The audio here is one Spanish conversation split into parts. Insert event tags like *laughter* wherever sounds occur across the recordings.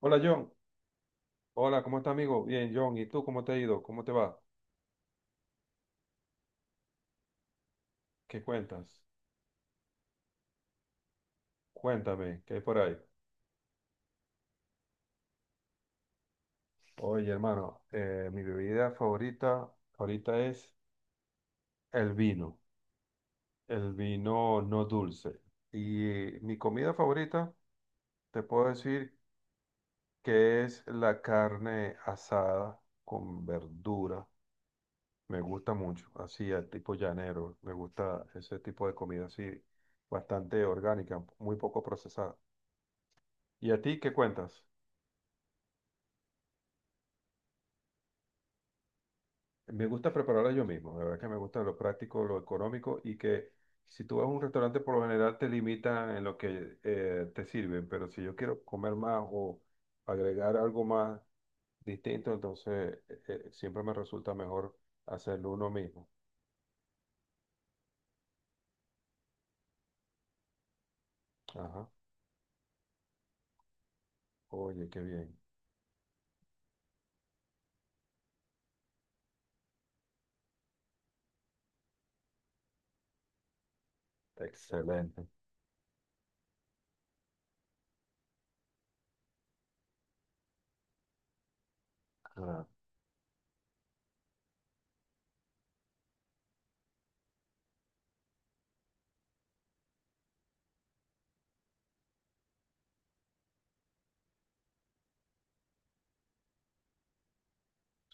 Hola John, hola, ¿cómo estás amigo? Bien, John, ¿y tú cómo te ha ido? ¿Cómo te va? ¿Qué cuentas? Cuéntame, ¿qué hay por ahí? Oye, hermano, mi bebida favorita ahorita es el vino, el vino no dulce. Y mi comida favorita, te puedo decir que es la carne asada con verdura. Me gusta mucho, así, al tipo llanero. Me gusta ese tipo de comida así, bastante orgánica, muy poco procesada. ¿Y a ti qué cuentas? Me gusta prepararla yo mismo, la verdad que me gusta lo práctico, lo económico y que si tú vas a un restaurante por lo general te limitan en lo que te sirven, pero si yo quiero comer más o agregar algo más distinto, entonces siempre me resulta mejor hacerlo uno mismo. Ajá. Oye, qué bien. Excelente. Ah,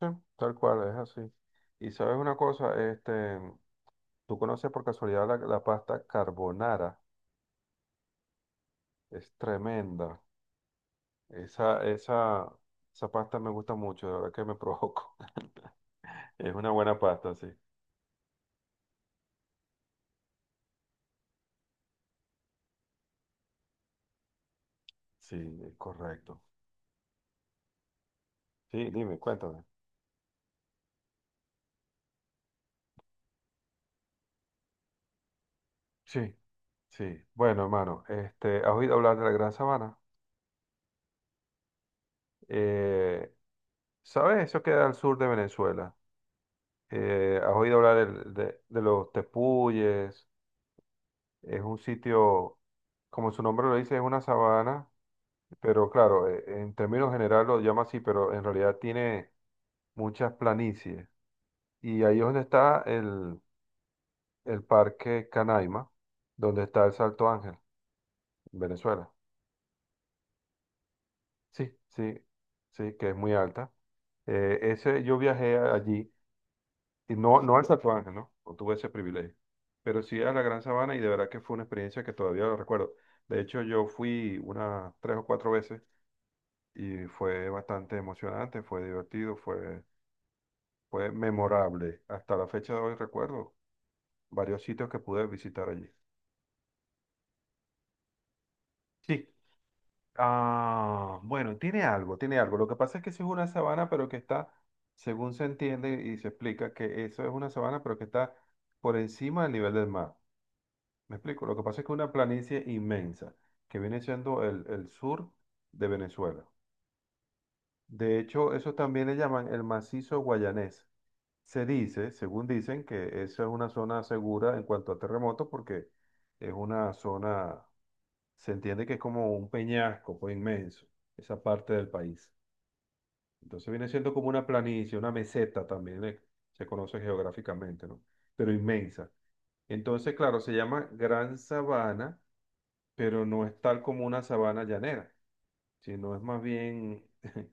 sí, tal cual, es así. Y sabes una cosa, este, tú conoces por casualidad la pasta carbonara, es tremenda. Esa, esa, esa pasta me gusta mucho, de verdad que me provoco. *laughs* Es una buena pasta, sí. Sí, es correcto. Sí, dime, cuéntame. Sí, sí. Bueno, hermano, este, ¿has oído hablar de la Gran Sabana? Eh, ¿Sabes? Eso queda al sur de Venezuela. ¿Has oído hablar de los tepuyes? Es un sitio, como su nombre lo dice, es una sabana, pero claro, en términos generales lo llama así, pero en realidad tiene muchas planicies. Y ahí es donde está el Parque Canaima, donde está el Salto Ángel, en Venezuela. Sí, sí, sí, que es muy alta. Yo viajé allí, y no, no al Salto Ángel, ¿no? No tuve ese privilegio. Pero sí a la Gran Sabana y de verdad que fue una experiencia que todavía lo recuerdo. De hecho, yo fui unas tres o cuatro veces y fue bastante emocionante, fue divertido, fue, fue memorable. Hasta la fecha de hoy recuerdo varios sitios que pude visitar allí. Sí. Ah, bueno, tiene algo, tiene algo. Lo que pasa es que sí es una sabana, pero que está, según se entiende y se explica, que eso es una sabana, pero que está por encima del nivel del mar. ¿Me explico? Lo que pasa es que es una planicie inmensa, que viene siendo el sur de Venezuela. De hecho, eso también le llaman el macizo guayanés. Se dice, según dicen, que esa es una zona segura en cuanto a terremotos, porque es una zona, se entiende que es como un peñasco, pues, inmenso, esa parte del país. Entonces viene siendo como una planicie, una meseta también, se conoce geográficamente, ¿no? Pero inmensa. Entonces, claro, se llama Gran Sabana, pero no es tal como una sabana llanera, sino es más bien, *laughs*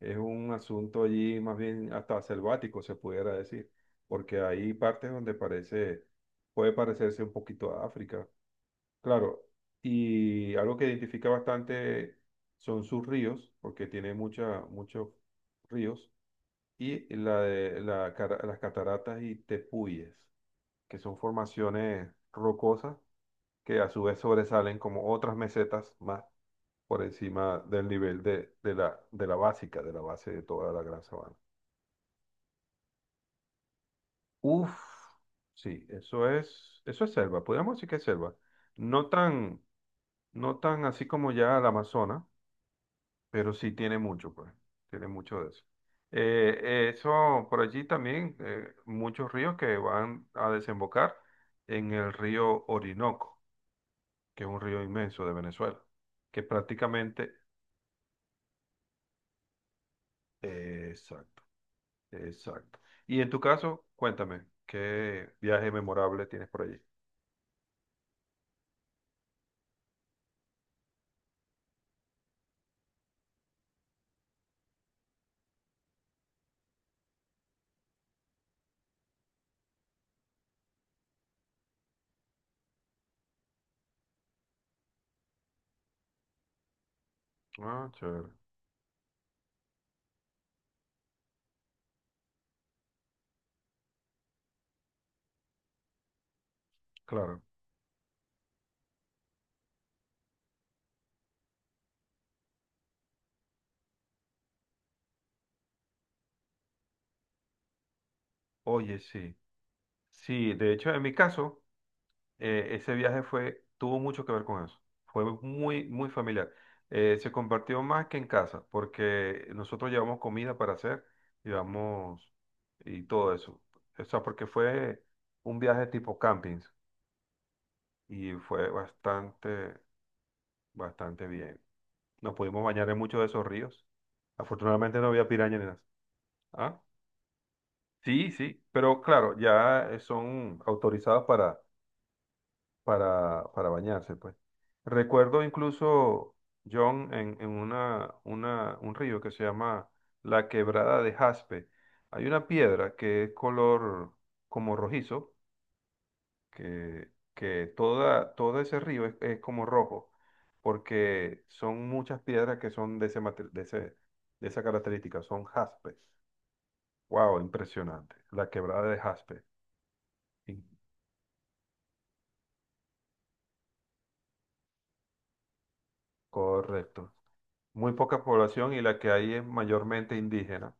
es un asunto allí más bien hasta selvático, se pudiera decir, porque hay partes donde parece, puede parecerse un poquito a África, claro. Y algo que identifica bastante son sus ríos, porque tiene mucha, muchos ríos y la de la las cataratas y tepuyes, que son formaciones rocosas que a su vez sobresalen como otras mesetas más por encima del nivel de la básica, de la base de toda la gran sabana. Uf, sí, eso es selva, podríamos decir que es selva. No tan, no tan así como ya la Amazonas, pero sí tiene mucho, pues, tiene mucho de eso. Eso por allí también, muchos ríos que van a desembocar en el río Orinoco, que es un río inmenso de Venezuela, que prácticamente, exacto, exacto. Y en tu caso, cuéntame, ¿qué viaje memorable ese viaje fue, tuvo mucho que ver con eso. Fue muy, muy familiar. Se compartió más que en casa, porque nosotros llevamos comida para hacer, llevamos y todo eso. O sea, porque fue un viaje tipo campings y fue bastante, bastante bien. Nos pudimos bañar en muchos de esos ríos. Afortunadamente no había pirañas ni nada. Ah, sí, sí, pero claro, ya son autorizados para para bañarse, pues. Recuerdo incluso, John, un río que se llama la Quebrada de Jaspe. Hay una piedra que es color como rojizo, que toda, todo ese río es como rojo, porque son muchas piedras que son de ese, de esa característica, son jaspes. Wow, impresionante. La Quebrada de Jaspe. In- Correcto. Muy poca población y la que hay es mayormente indígena.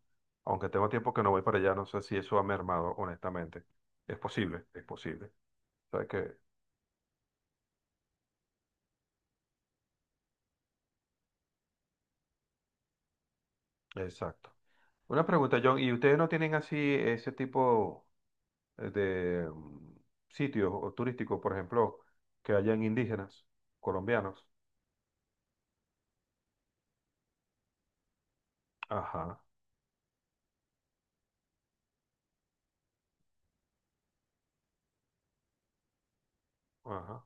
Aunque tengo tiempo que no voy para allá, no sé si eso ha mermado, honestamente. Es posible, es posible. ¿Sabes qué? Exacto. Una pregunta, John, ¿y ustedes no tienen así ese tipo eh, de mm, sitios o turísticos, por ejemplo, que hayan indígenas, colombianos? Ajá, ajá,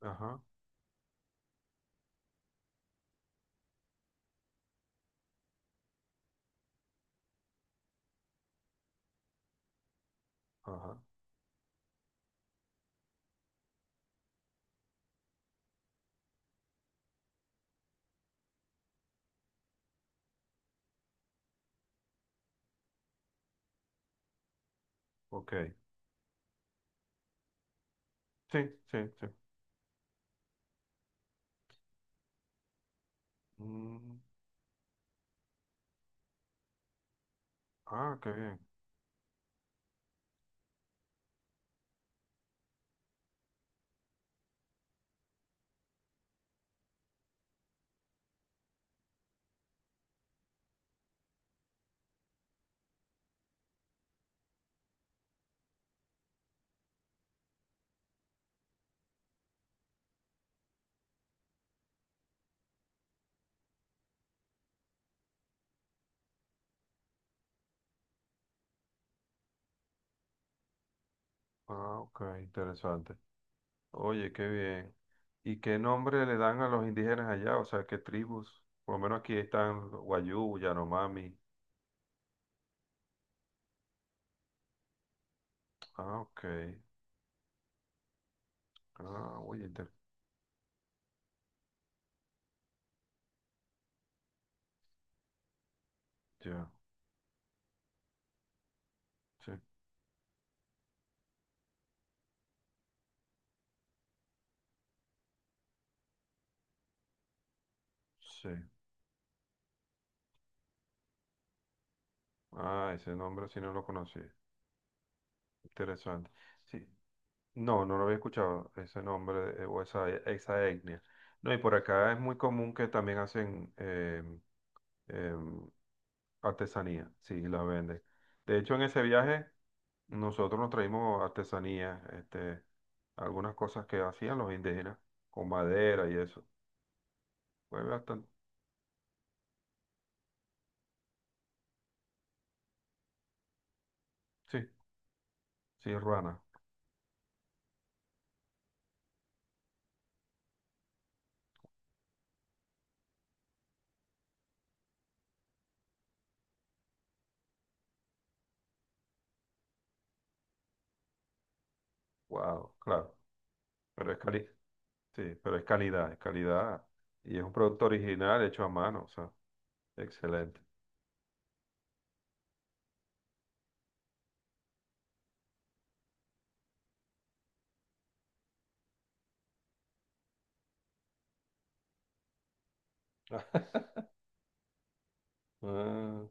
ajá, ajá. Ok. Sí, sí, sí. Mm, ah, qué bien. Ah, ok, interesante. Oye, qué bien. ¿Y qué nombre le dan a los indígenas allá? O sea, ¿qué tribus? Por lo menos aquí están Wayuu, Yanomami. Ah, ok. Ah, oye, inter- ya. Sí, sí. Ah, ese nombre sí no lo conocí. Interesante. Sí. No, no lo había escuchado, ese nombre o esa etnia. No, y por acá es muy común que también hacen em, artesanía, sí, la vende. De hecho, en ese viaje nosotros nos traímos artesanía, este, algunas cosas que hacían los indígenas, con madera y eso. Fue bastante, sí, sí, ruana. Wow, claro. Pero es cali, sí, pero es calidad, es calidad. Y es un producto original hecho a mano, o sea, excelente. *laughs* Ah,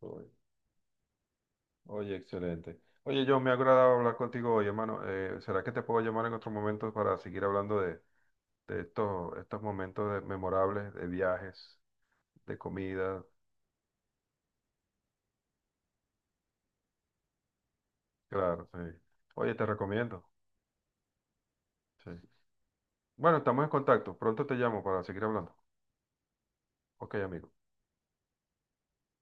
oye, oye, excelente. Oye, John, me ha agradado hablar contigo hoy, hermano. ¿Será que te puedo llamar en otro momento para seguir hablando de estos, estos momentos memorables de viajes, de comida, claro, sí. Oye, te recomiendo. Sí. Bueno, estamos en contacto. Pronto te llamo para seguir hablando. Ok, amigo.